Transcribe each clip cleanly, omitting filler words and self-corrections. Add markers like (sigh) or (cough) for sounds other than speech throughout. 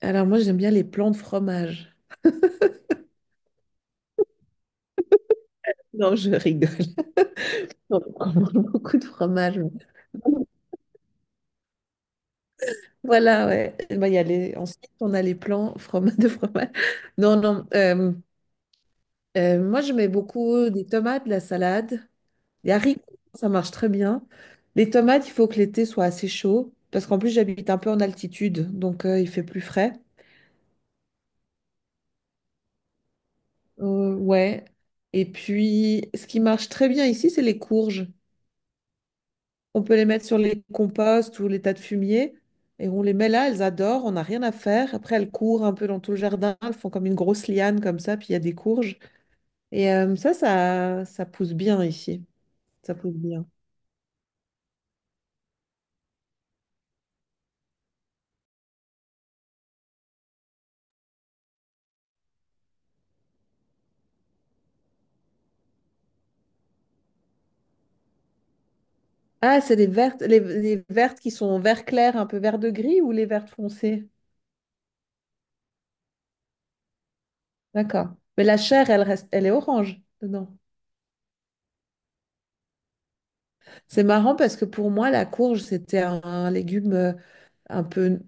Alors moi j'aime bien les plans de fromage. Non, je rigole. (laughs) On mange beaucoup de fromage. Voilà, ouais. Eh ben, il y a les... Ensuite, on a les de fromage. Non, non. Moi, je mets beaucoup des tomates, de la salade, des haricots, ça marche très bien. Les tomates, il faut que l'été soit assez chaud, parce qu'en plus, j'habite un peu en altitude, donc il fait plus frais. Ouais. Et puis, ce qui marche très bien ici, c'est les courges. On peut les mettre sur les composts ou les tas de fumier. Et on les met là, elles adorent, on n'a rien à faire. Après, elles courent un peu dans tout le jardin, elles font comme une grosse liane comme ça, puis il y a des courges. Et ça pousse bien ici. Ça pousse bien. Ah, c'est les vertes, les vertes qui sont vert clair, un peu vert de gris ou les vertes foncées? D'accord. Mais la chair, elle reste, elle est orange dedans. C'est marrant parce que pour moi, la courge, c'était un légume un peu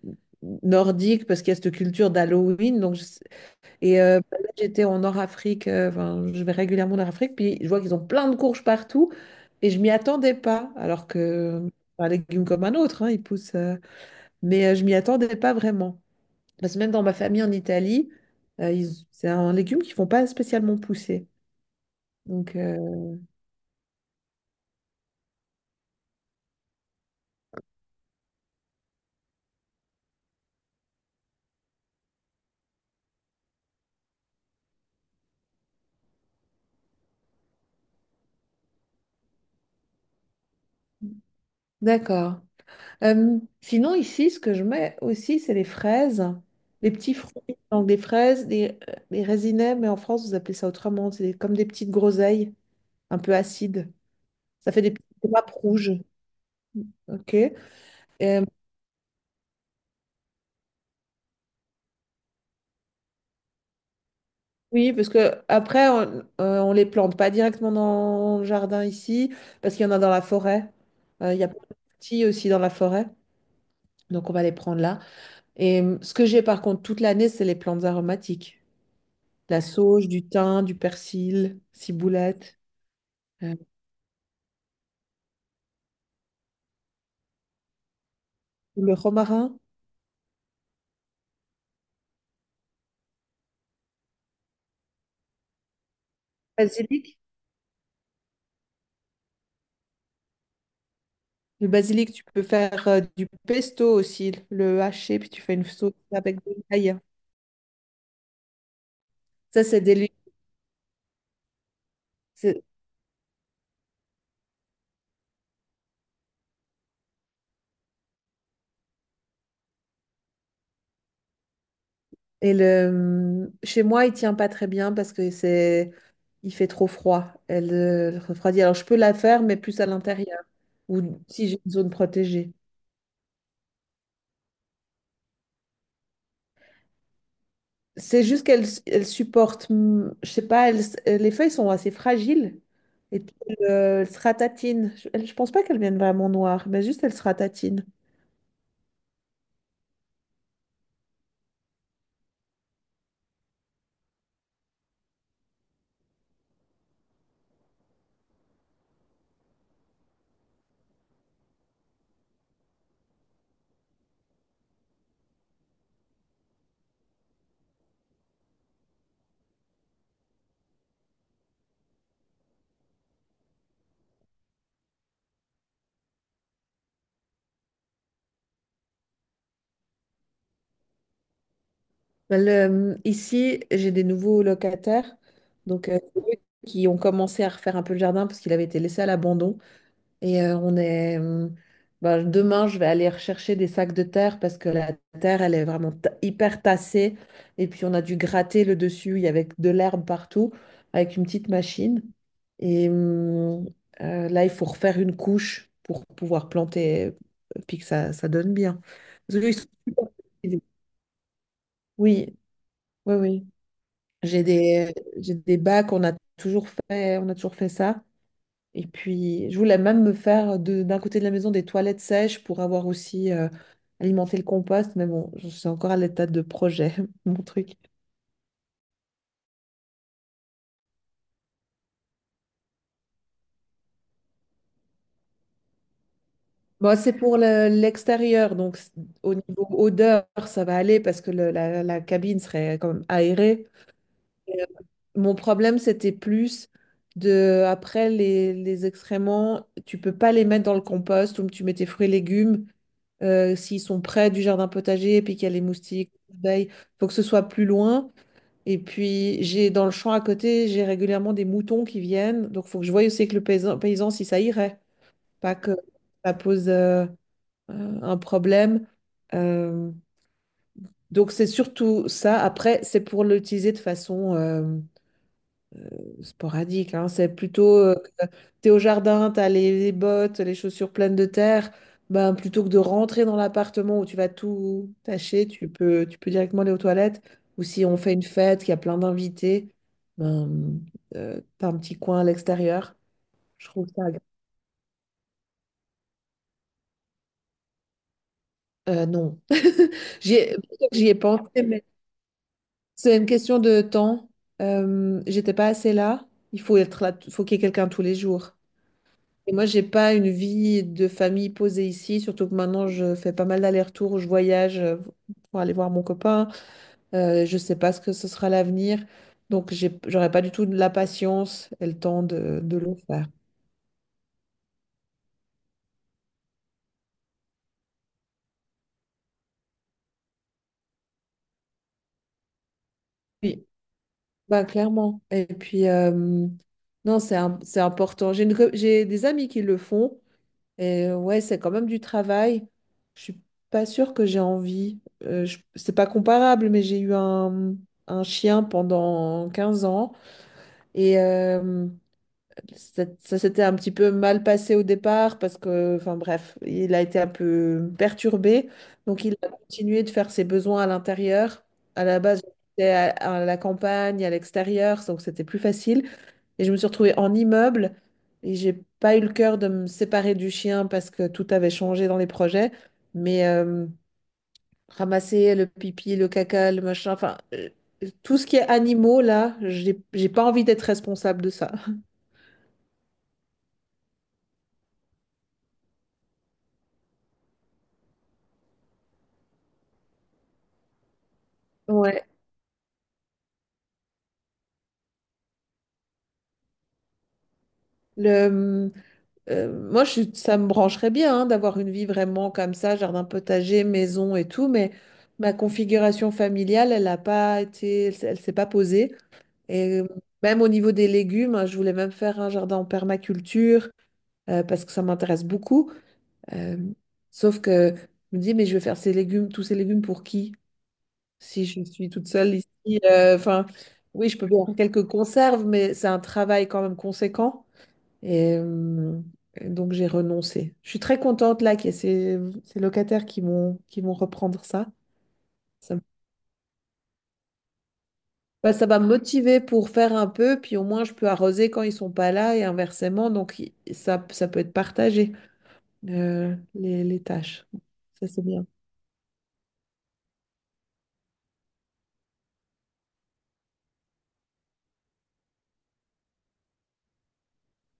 nordique parce qu'il y a cette culture d'Halloween. Et bah, là, enfin, je vais régulièrement en Nord-Afrique, puis je vois qu'ils ont plein de courges partout, et je m'y attendais pas, alors que c'est un légume comme un autre, hein, il pousse, mais je m'y attendais pas vraiment. Parce que même dans ma famille en Italie, c'est un légume qu'ils font pas spécialement pousser. Donc, euh, d'accord. Sinon, ici, ce que je mets aussi, c'est les fraises, les petits fruits, donc des fraises, des résinets, mais en France, vous appelez ça autrement, c'est comme des petites groseilles, un peu acides. Ça fait des petites grappes rouges. OK. Euh, oui, parce que après, on les plante pas directement dans le jardin ici, parce qu'il y en a dans la forêt. Il y a plein de petits aussi dans la forêt. Donc on va les prendre là. Et ce que j'ai par contre toute l'année, c'est les plantes aromatiques. La sauge, du thym, du persil, ciboulette, euh, le romarin. Basilic. Le basilic, tu peux faire du pesto aussi, le haché, puis tu fais une sauce avec de l'ail. Ça, c'est délicieux. Et le, chez moi, il tient pas très bien parce que c'est, il fait trop froid. Elle elle refroidit. Alors, je peux la faire, mais plus à l'intérieur ou si j'ai une zone protégée. C'est juste qu'elle elle supporte, je sais pas, les feuilles sont assez fragiles et puis elle, elle se ratatine. Je pense pas qu'elle vienne vraiment noire, mais juste elle se ratatine. Ici, j'ai des nouveaux locataires, donc c'est eux qui ont commencé à refaire un peu le jardin parce qu'il avait été laissé à l'abandon. Et on est. Bah, demain, je vais aller rechercher des sacs de terre parce que la terre, elle est vraiment ta- hyper tassée. Et puis, on a dû gratter le dessus. Il y avait de l'herbe partout avec une petite machine. Et là, il faut refaire une couche pour pouvoir planter et puis que ça donne bien. Parce que ils sont super cultivés. Oui, oui, oui. J'ai des bacs, on a toujours fait ça. Et puis, je voulais même me faire d'un côté de la maison des toilettes sèches pour avoir aussi alimenté le compost. Mais bon, je suis encore à l'état de projet, (laughs) mon truc. C'est pour l'extérieur, au niveau odeur, ça va aller parce que la, la cabine serait quand même aérée. Et, mon problème, c'était plus de, après les excréments, tu peux pas les mettre dans le compost où tu mets tes fruits et légumes s'ils sont près du jardin potager et puis qu'il y a les moustiques, les abeilles, faut que ce soit plus loin. Et puis, j'ai dans le champ à côté, j'ai régulièrement des moutons qui viennent. Donc, il faut que je voie aussi avec paysan si ça irait. Pas que ça pose un problème. Euh, donc, c'est surtout ça. Après, c'est pour l'utiliser de façon sporadique, hein. C'est plutôt, tu es au jardin, t'as les bottes, les chaussures pleines de terre, ben, plutôt que de rentrer dans l'appartement où tu vas tout tâcher, tu peux directement aller aux toilettes. Ou si on fait une fête, qu'il y a plein d'invités, ben, t'as un petit coin à l'extérieur. Je trouve ça agréable. Non, (laughs) j'y ai, j'y ai pensé. C'est une question de temps. J'étais pas assez là. Il faut être là, faut qu'il y ait quelqu'un tous les jours. Et moi, j'ai pas une vie de famille posée ici, surtout que maintenant, je fais pas mal d'allers-retours, je voyage pour aller voir mon copain. Je sais pas ce que ce sera l'avenir, donc j'aurais pas du tout de la patience et le temps de le faire. Oui, bah clairement. Et puis, non, c'est important. J'ai des amis qui le font, et ouais, c'est quand même du travail. Je suis pas sûre que j'ai envie. C'est pas comparable, mais j'ai eu un chien pendant 15 ans. Et ça s'était un petit peu mal passé au départ parce que, enfin bref, il a été un peu perturbé. Donc il a continué de faire ses besoins à l'intérieur. À la base, j'étais à, à la campagne, à l'extérieur, donc c'était plus facile. Et je me suis retrouvée en immeuble et j'ai pas eu le cœur de me séparer du chien parce que tout avait changé dans les projets. Mais ramasser le pipi, le caca, le machin, tout ce qui est animaux là, j'ai pas envie d'être responsable de ça. Ouais, le, hum, ça me brancherait bien hein, d'avoir une vie vraiment comme ça, jardin potager, maison et tout, mais ma configuration familiale, elle n'a pas été, elle s'est pas posée. Et même au niveau des légumes, hein, je voulais même faire un jardin en permaculture parce que ça m'intéresse beaucoup. Euh, sauf que je me dis, mais je vais faire ces légumes, tous ces légumes pour qui? Si je suis toute seule ici, enfin, oui, je peux bien faire quelques conserves, mais c'est un travail quand même conséquent. Et, euh, et donc j'ai renoncé. Je suis très contente là qu'il y ait ces locataires qui vont reprendre ça. Ça, me- bah, ça va me motiver pour faire un peu, puis au moins je peux arroser quand ils sont pas là et inversement. Ça peut être partagé, les tâches. Ça c'est bien.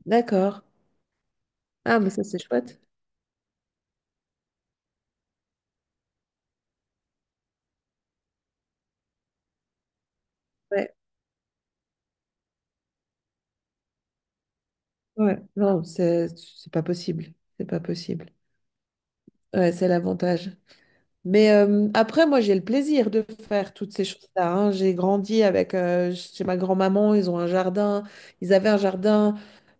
D'accord. Ah, mais ça c'est chouette. Ouais. Ouais. Non, c'est pas possible. C'est pas possible. Ouais, c'est l'avantage. Mais après, moi, j'ai le plaisir de faire toutes ces choses-là. Hein. J'ai grandi avec, chez ma grand-maman, ils avaient un jardin,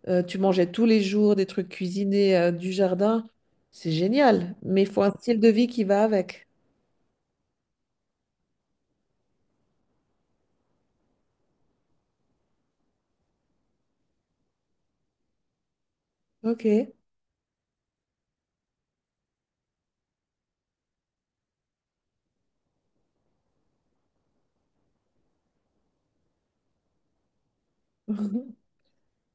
tu mangeais tous les jours des trucs cuisinés, du jardin. C'est génial, mais il faut un style de vie qui va avec. OK. (laughs)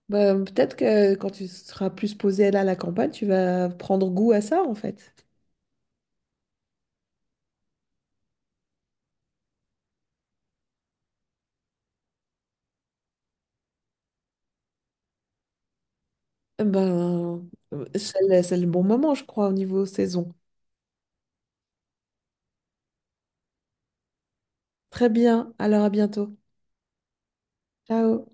Bah, peut-être que quand tu seras plus posé là à la campagne, tu vas prendre goût à ça, en fait. Eh ben, c'est le bon moment, je crois, au niveau saison. Très bien, alors à bientôt. Ciao.